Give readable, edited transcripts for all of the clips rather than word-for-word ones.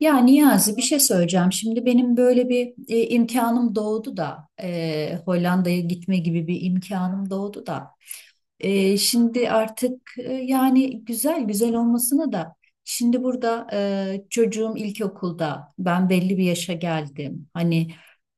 Ya Niyazi bir şey söyleyeceğim. Şimdi benim böyle bir imkanım doğdu da Hollanda'ya gitme gibi bir imkanım doğdu da şimdi artık yani güzel güzel olmasına da şimdi burada çocuğum ilkokulda ben belli bir yaşa geldim. Hani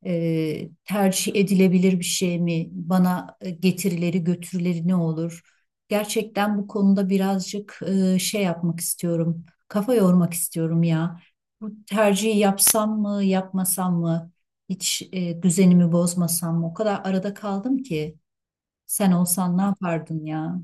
tercih edilebilir bir şey mi? Bana getirileri götürüleri ne olur? Gerçekten bu konuda birazcık şey yapmak istiyorum. Kafa yormak istiyorum ya. Bu tercihi yapsam mı, yapmasam mı? Hiç düzenimi bozmasam mı? O kadar arada kaldım ki. Sen olsan ne yapardın ya?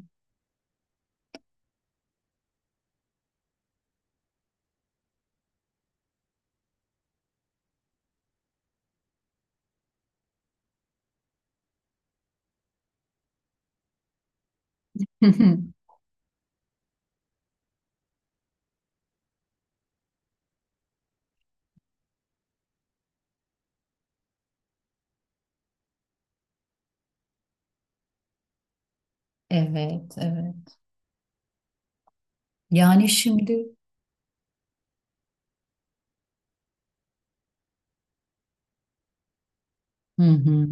Evet, evet. Yani şimdi. Hı hı.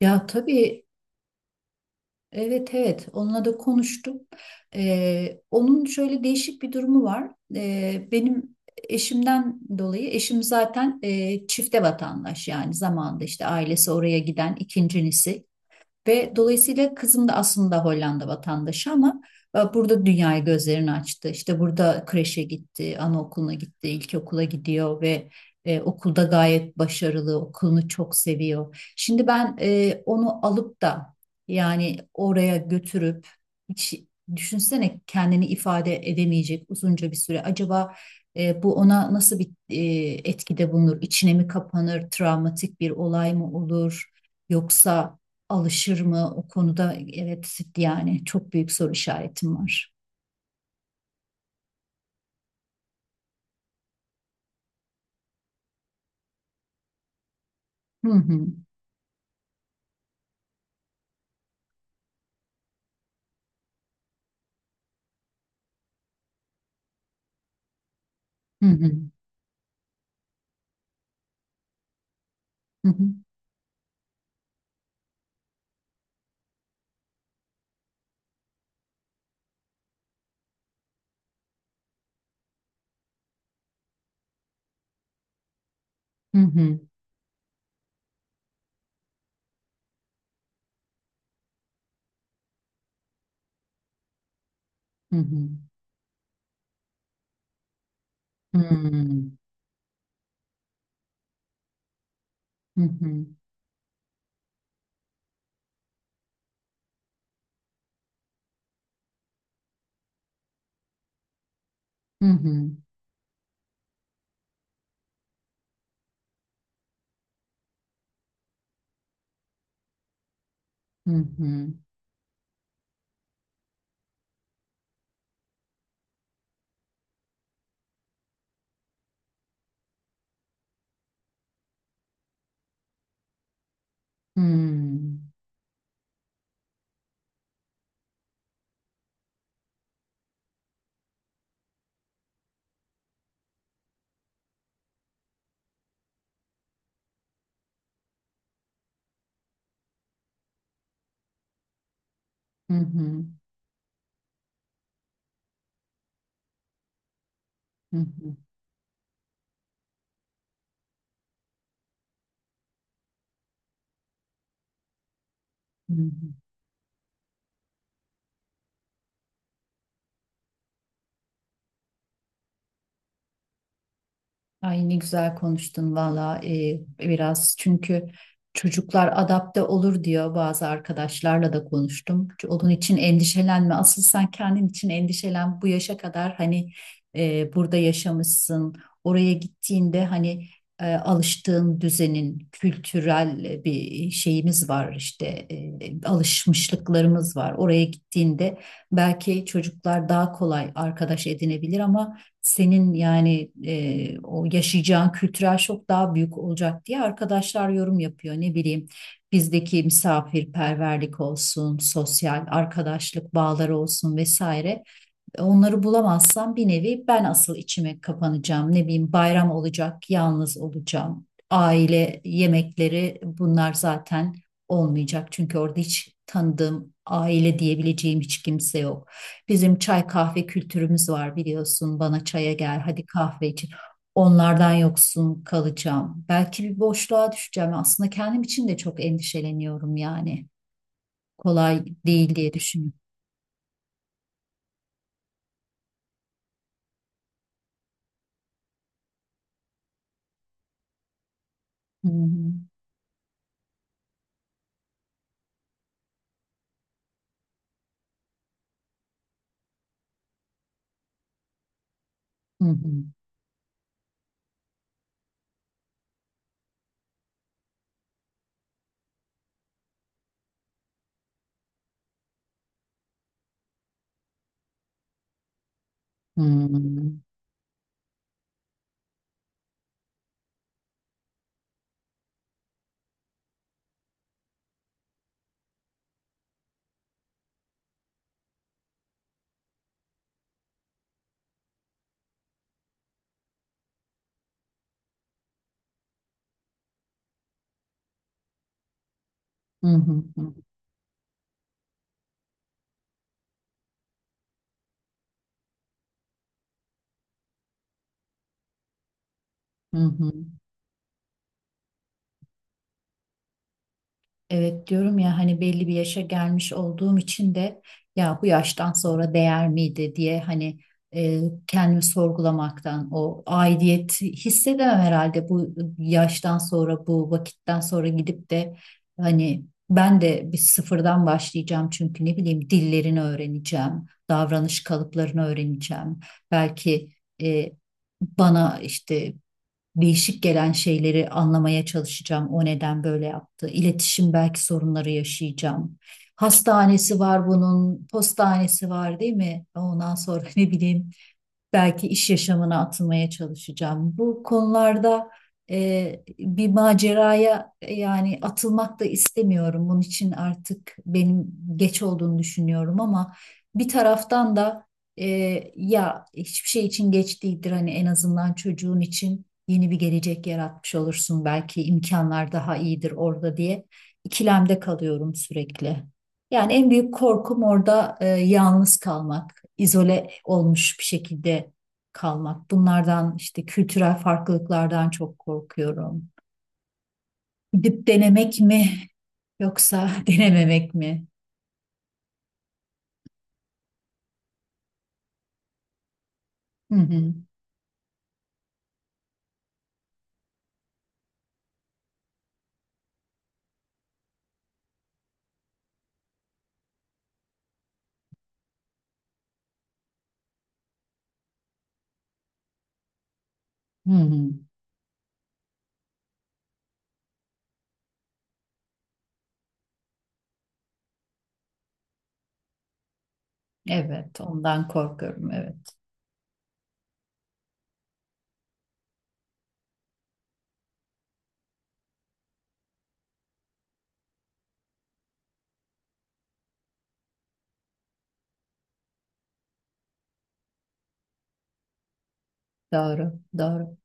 Ya tabii, evet, evet, onunla da konuştum. Onun şöyle değişik bir durumu var. Benim eşimden dolayı eşim zaten çifte vatandaş, yani zamanında işte ailesi oraya giden ikincisi. Ve dolayısıyla kızım da aslında Hollanda vatandaşı ama burada dünyaya gözlerini açtı. İşte burada kreşe gitti, anaokuluna gitti, ilkokula gidiyor ve okulda gayet başarılı, okulunu çok seviyor. Şimdi ben onu alıp da yani oraya götürüp hiç, düşünsene, kendini ifade edemeyecek uzunca bir süre. Acaba bu ona nasıl bir etkide bulunur? İçine mi kapanır? Travmatik bir olay mı olur? Yoksa alışır mı o konuda? Evet yani çok büyük soru işaretim var. Hı hı. Hı hı. Hı hı. Hı hı. Hı hı. Hı hı. Hı hı. Hı hı. Hı hı. Hı hı. Hı hı. Hı hı. Ay ne güzel konuştun valla. Biraz, çünkü çocuklar adapte olur diyor bazı arkadaşlarla da konuştum. Onun için endişelenme, asıl sen kendin için endişelen bu yaşa kadar. Hani burada yaşamışsın, oraya gittiğinde, hani alıştığın düzenin kültürel bir şeyimiz var işte, alışmışlıklarımız var. Oraya gittiğinde belki çocuklar daha kolay arkadaş edinebilir ama senin yani o yaşayacağın kültürel şok daha büyük olacak diye arkadaşlar yorum yapıyor. Ne bileyim, bizdeki misafirperverlik olsun, sosyal arkadaşlık bağları olsun vesaire. Onları bulamazsam bir nevi ben asıl içime kapanacağım. Ne bileyim, bayram olacak, yalnız olacağım. Aile yemekleri bunlar zaten olmayacak. Çünkü orada hiç tanıdığım, aile diyebileceğim hiç kimse yok. Bizim çay kahve kültürümüz var, biliyorsun. Bana çaya gel, hadi kahve için. Onlardan yoksun kalacağım. Belki bir boşluğa düşeceğim. Aslında kendim için de çok endişeleniyorum yani. Kolay değil diye düşünüyorum. Hı hı. Hı hı. Hı. Hı hı hı hı. Hı. Evet diyorum ya, hani belli bir yaşa gelmiş olduğum için de, ya bu yaştan sonra değer miydi diye, hani e, kendimi sorgulamaktan. O aidiyet hissedemem herhalde bu yaştan sonra, bu vakitten sonra gidip de, hani ben de bir sıfırdan başlayacağım. Çünkü ne bileyim, dillerini öğreneceğim, davranış kalıplarını öğreneceğim. Belki e, bana işte değişik gelen şeyleri anlamaya çalışacağım. O neden böyle yaptı? İletişim belki sorunları yaşayacağım. Hastanesi var bunun, postanesi var, değil mi? Ondan sonra ne bileyim, belki iş yaşamına atılmaya çalışacağım. Bu konularda bir maceraya yani atılmak da istemiyorum. Bunun için artık benim geç olduğunu düşünüyorum ama bir taraftan da e, ya hiçbir şey için geç değildir. Hani en azından çocuğun için yeni bir gelecek yaratmış olursun. Belki imkanlar daha iyidir orada diye ikilemde kalıyorum sürekli. Yani en büyük korkum orada yalnız kalmak, izole olmuş bir şekilde kalmak. Bunlardan, işte kültürel farklılıklardan çok korkuyorum. Gidip denemek mi yoksa denememek mi? Hı hı. Hı hı. Evet, ondan korkuyorum. Evet, doğru, doğru.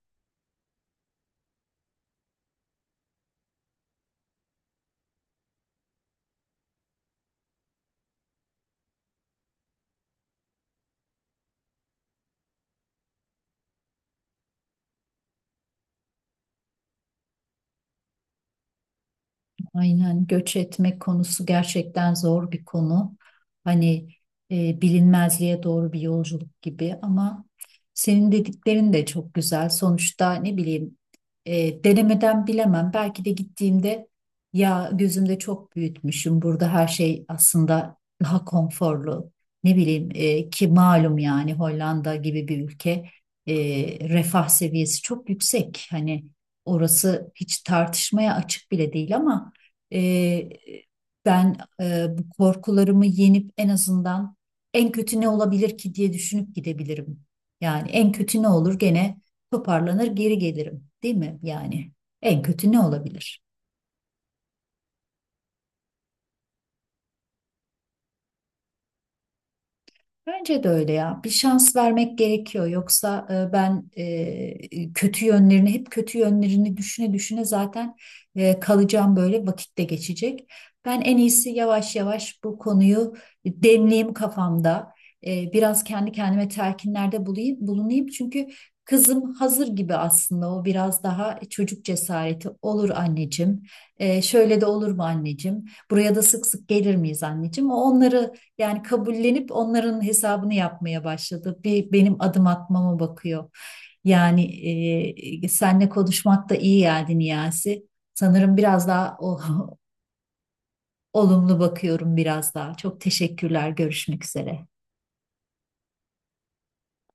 Aynen, göç etmek konusu gerçekten zor bir konu. Hani bilinmezliğe doğru bir yolculuk gibi ama senin dediklerin de çok güzel. Sonuçta ne bileyim, denemeden bilemem. Belki de gittiğimde, ya, gözümde çok büyütmüşüm. Burada her şey aslında daha konforlu. Ne bileyim, ki malum yani Hollanda gibi bir ülke, e, refah seviyesi çok yüksek. Hani orası hiç tartışmaya açık bile değil ama ee, ben bu korkularımı yenip en azından, en kötü ne olabilir ki diye düşünüp gidebilirim. Yani en kötü ne olur, gene toparlanır geri gelirim, değil mi? Yani en kötü ne olabilir? Bence de öyle ya. Bir şans vermek gerekiyor. Yoksa ben kötü yönlerini, hep kötü yönlerini düşüne düşüne zaten kalacağım böyle, vakitte geçecek. Ben en iyisi yavaş yavaş bu konuyu demleyeyim kafamda. Biraz kendi kendime telkinlerde bulayım, bulunayım. Çünkü kızım hazır gibi aslında. O biraz daha çocuk cesareti olur. "Anneciğim, şöyle de olur mu anneciğim? Buraya da sık sık gelir miyiz anneciğim?" O onları yani kabullenip, onların hesabını yapmaya başladı. Bir benim adım atmama bakıyor. Yani seninle konuşmak da iyi geldi Niyazi. Sanırım biraz daha olumlu bakıyorum biraz daha. Çok teşekkürler. Görüşmek üzere.